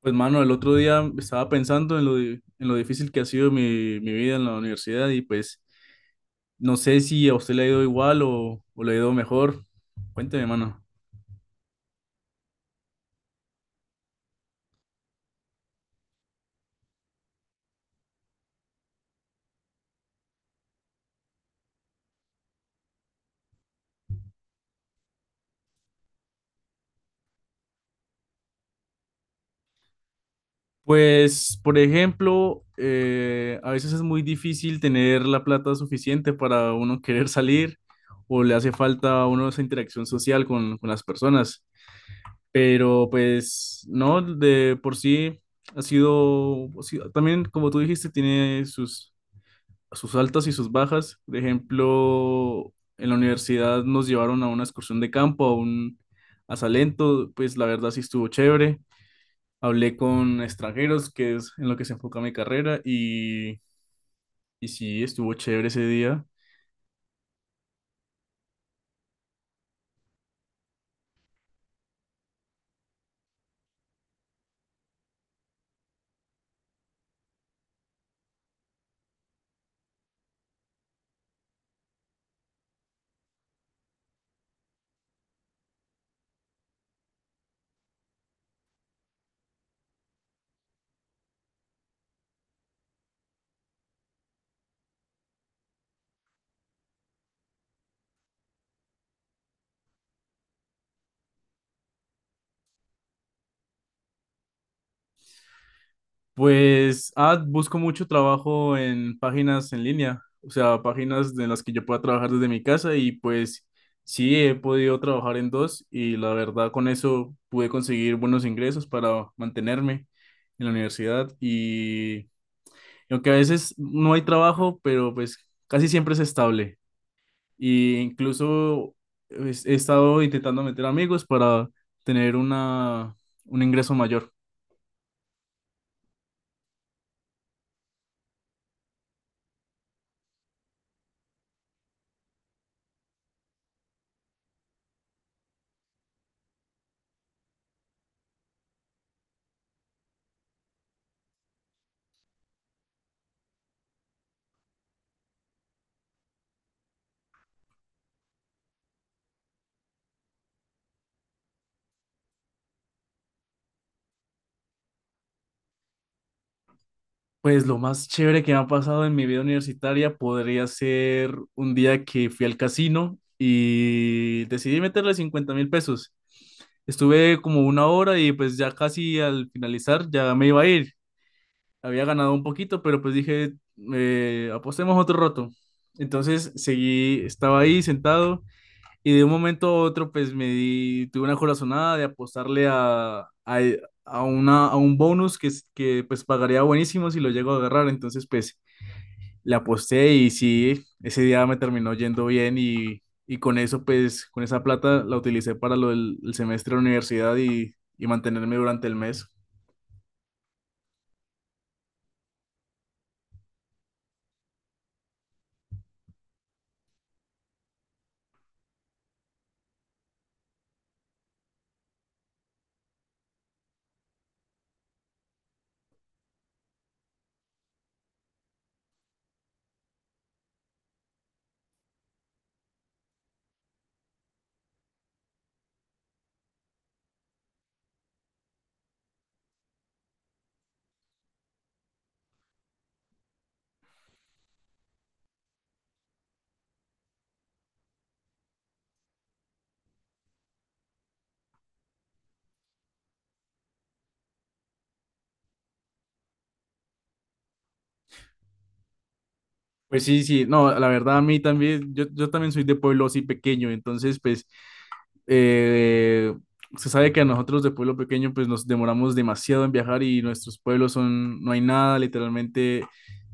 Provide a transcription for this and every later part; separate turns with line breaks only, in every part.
Pues mano, el otro día estaba pensando en en lo difícil que ha sido mi vida en la universidad y pues no sé si a usted le ha ido igual o le ha ido mejor. Cuénteme, mano. Pues, por ejemplo, a veces es muy difícil tener la plata suficiente para uno querer salir o le hace falta a uno esa interacción social con las personas. Pero pues no, de por sí también como tú dijiste, tiene sus altas y sus bajas. Por ejemplo, en la universidad nos llevaron a una excursión de campo, a Salento, pues la verdad sí estuvo chévere. Hablé con extranjeros, que es en lo que se enfoca mi carrera, y sí estuvo chévere ese día. Pues, busco mucho trabajo en páginas en línea, o sea, páginas de las que yo pueda trabajar desde mi casa y pues sí, he podido trabajar en dos y la verdad con eso pude conseguir buenos ingresos para mantenerme en la universidad y aunque a veces no hay trabajo, pero pues casi siempre es estable y incluso pues, he estado intentando meter amigos para tener un ingreso mayor. Pues lo más chévere que me ha pasado en mi vida universitaria podría ser un día que fui al casino y decidí meterle 50.000 pesos. Estuve como una hora y pues ya casi al finalizar ya me iba a ir. Había ganado un poquito, pero pues dije, apostemos otro roto. Entonces seguí, estaba ahí sentado y de un momento a otro, pues tuve una corazonada de apostarle a, a un bonus que pues pagaría buenísimo si lo llego a agarrar. Entonces, pues le aposté y sí, ese día me terminó yendo bien y con eso, pues con esa plata la utilicé para lo del el semestre de la universidad y mantenerme durante el mes. Pues sí, sí, no, la verdad a mí también, yo también soy de pueblo así pequeño, entonces pues eh, se sabe que a nosotros de pueblo pequeño pues nos demoramos demasiado en viajar y nuestros pueblos son, no hay nada, literalmente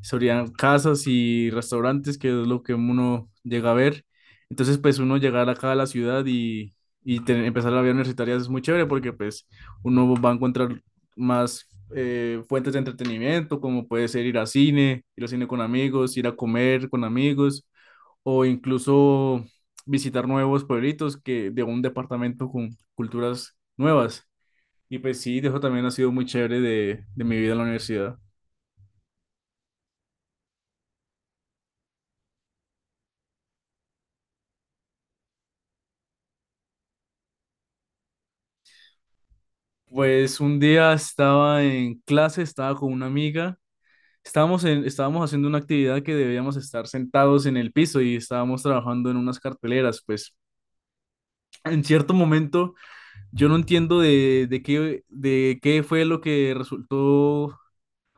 serían casas y restaurantes que es lo que uno llega a ver. Entonces pues uno llegar acá a la ciudad empezar la vida universitaria es muy chévere porque pues uno va a encontrar más fuentes de entretenimiento como puede ser ir a cine con amigos, ir a comer con amigos o incluso visitar nuevos pueblitos que de un departamento con culturas nuevas. Y pues sí, eso también ha sido muy chévere de mi vida en la universidad. Pues un día estaba en clase, estaba con una amiga, estábamos haciendo una actividad que debíamos estar sentados en el piso y estábamos trabajando en unas carteleras, pues en cierto momento yo no entiendo de qué fue lo que resultó. O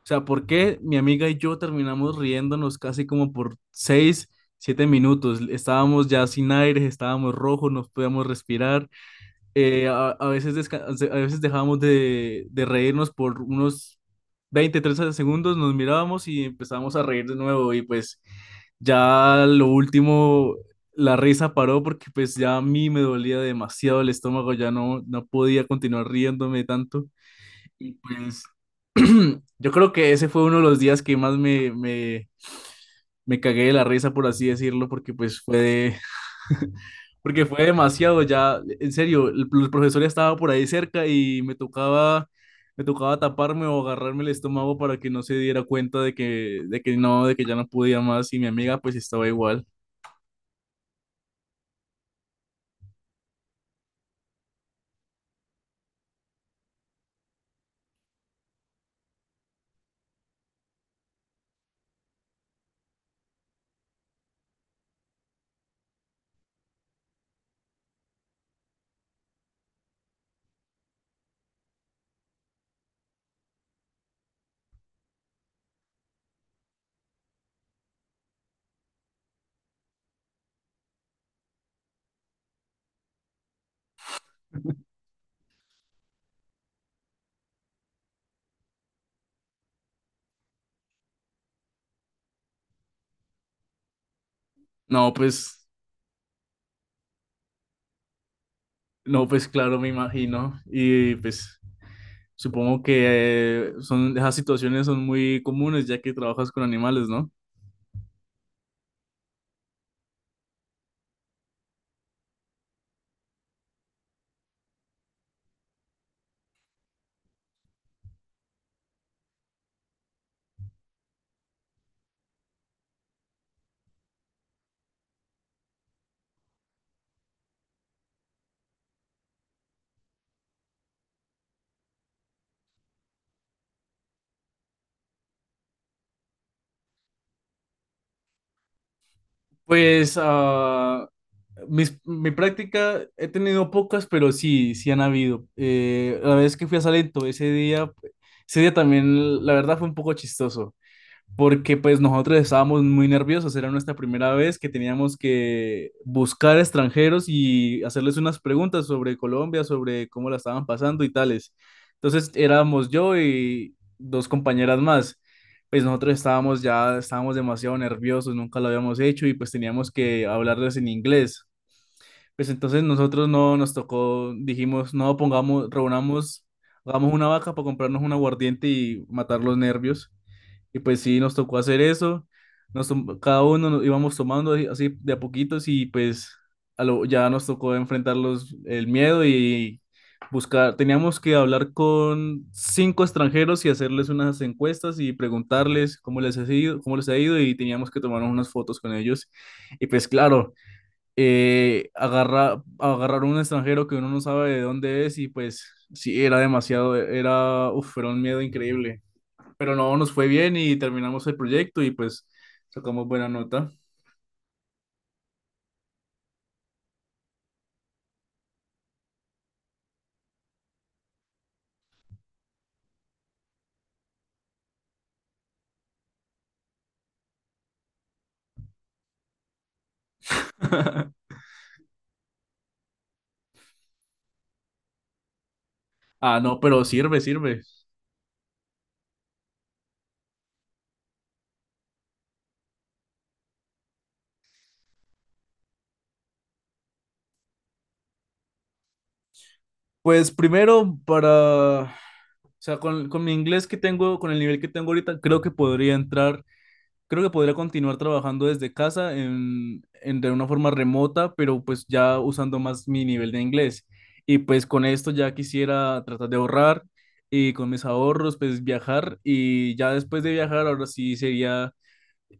sea, ¿por qué mi amiga y yo terminamos riéndonos casi como por 6, 7 minutos? Estábamos ya sin aire, estábamos rojos, no podíamos respirar. A veces a veces dejábamos de reírnos por unos 20 30 segundos, nos mirábamos y empezábamos a reír de nuevo. Y pues ya lo último, la risa paró porque pues ya a mí me dolía demasiado el estómago, no podía continuar riéndome tanto. Y pues yo creo que ese fue uno de los días que más me cagué de la risa, por así decirlo, porque porque fue demasiado ya, en serio, el profesor ya estaba por ahí cerca y me tocaba taparme o agarrarme el estómago para que no se diera cuenta de que ya no podía más y mi amiga pues estaba igual. No, pues, no, pues claro, me imagino. Y pues supongo que esas situaciones son muy comunes ya que trabajas con animales, ¿no? Pues mi práctica he tenido pocas, pero sí, sí han habido. La vez que fui a Salento, ese día también, la verdad, fue un poco chistoso porque pues nosotros estábamos muy nerviosos, era nuestra primera vez que teníamos que buscar extranjeros y hacerles unas preguntas sobre Colombia, sobre cómo la estaban pasando y tales. Entonces éramos yo y dos compañeras más. Pues estábamos demasiado nerviosos, nunca lo habíamos hecho y pues teníamos que hablarles en inglés. Pues entonces nosotros no nos tocó, dijimos, no pongamos, reunamos, hagamos una vaca para comprarnos un aguardiente y matar los nervios. Y pues sí, nos tocó hacer eso. Cada uno nos íbamos tomando así así de a poquitos y pues ya nos tocó enfrentar el miedo y buscar. Teníamos que hablar con 5 extranjeros y hacerles unas encuestas y preguntarles cómo les ha ido, cómo les ha ido y teníamos que tomarnos unas fotos con ellos. Y pues claro, agarrar un extranjero que uno no sabe de dónde es y pues sí, uf, era un miedo increíble pero no, nos fue bien y terminamos el proyecto y pues sacamos buena nota. Ah, no, pero sirve, sirve. Pues o sea, con mi inglés que tengo, con el nivel que tengo ahorita, creo que podría continuar trabajando desde casa en de una forma remota, pero pues ya usando más mi nivel de inglés. Y pues con esto ya quisiera tratar de ahorrar y con mis ahorros pues viajar y ya después de viajar ahora sí sería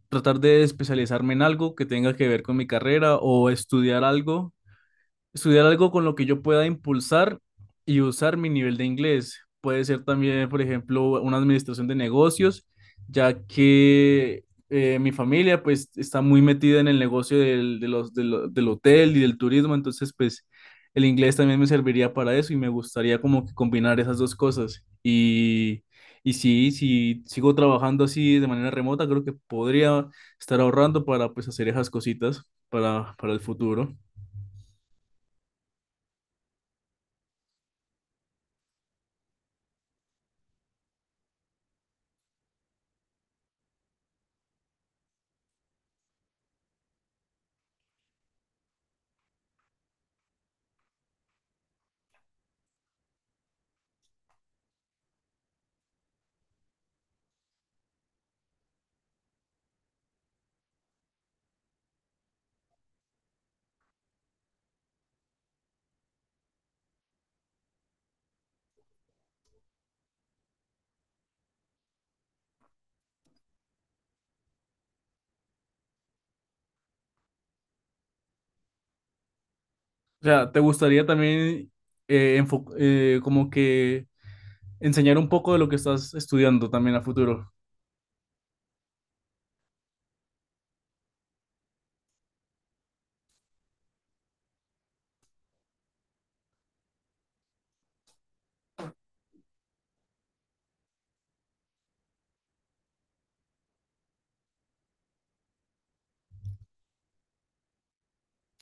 tratar de especializarme en algo que tenga que ver con mi carrera o estudiar algo. Estudiar algo con lo que yo pueda impulsar y usar mi nivel de inglés. Puede ser también, por ejemplo, una administración de negocios, ya que mi familia pues está muy metida en el negocio del, de los, de lo- del hotel y del turismo, entonces pues el inglés también me serviría para eso y me gustaría como que combinar esas dos cosas. Y sí, si sigo trabajando así de manera remota, creo que podría estar ahorrando para pues hacer esas cositas para el futuro. O sea, ¿te gustaría también como que enseñar un poco de lo que estás estudiando también a futuro?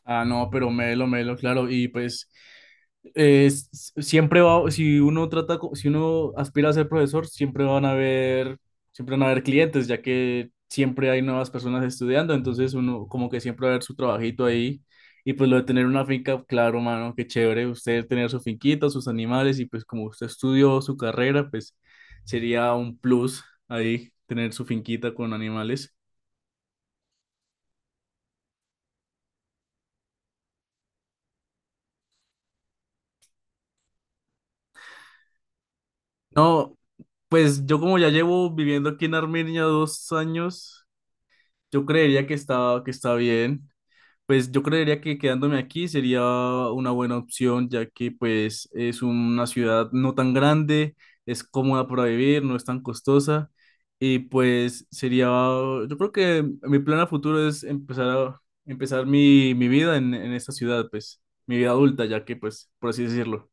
Ah, no, pero Melo, Melo, claro. Y pues siempre va, si uno trata, si uno aspira a ser profesor, siempre van a haber clientes, ya que siempre hay nuevas personas estudiando, entonces uno como que siempre va a ver su trabajito ahí. Y pues lo de tener una finca, claro, mano, qué chévere, usted tener su finquita, sus animales, y pues como usted estudió su carrera, pues sería un plus ahí tener su finquita con animales. No, pues yo como ya llevo viviendo aquí en Armenia 2 años, yo creería que está bien. Pues yo creería que quedándome aquí sería una buena opción, ya que pues es una ciudad no tan grande, es cómoda para vivir, no es tan costosa. Y pues sería, yo creo que mi plan a futuro es empezar mi vida en esta ciudad, pues mi vida adulta, ya que pues, por así decirlo.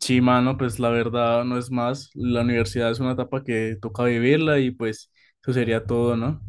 Sí, mano, pues la verdad no es más. La universidad es una etapa que toca vivirla y pues eso sería todo, ¿no?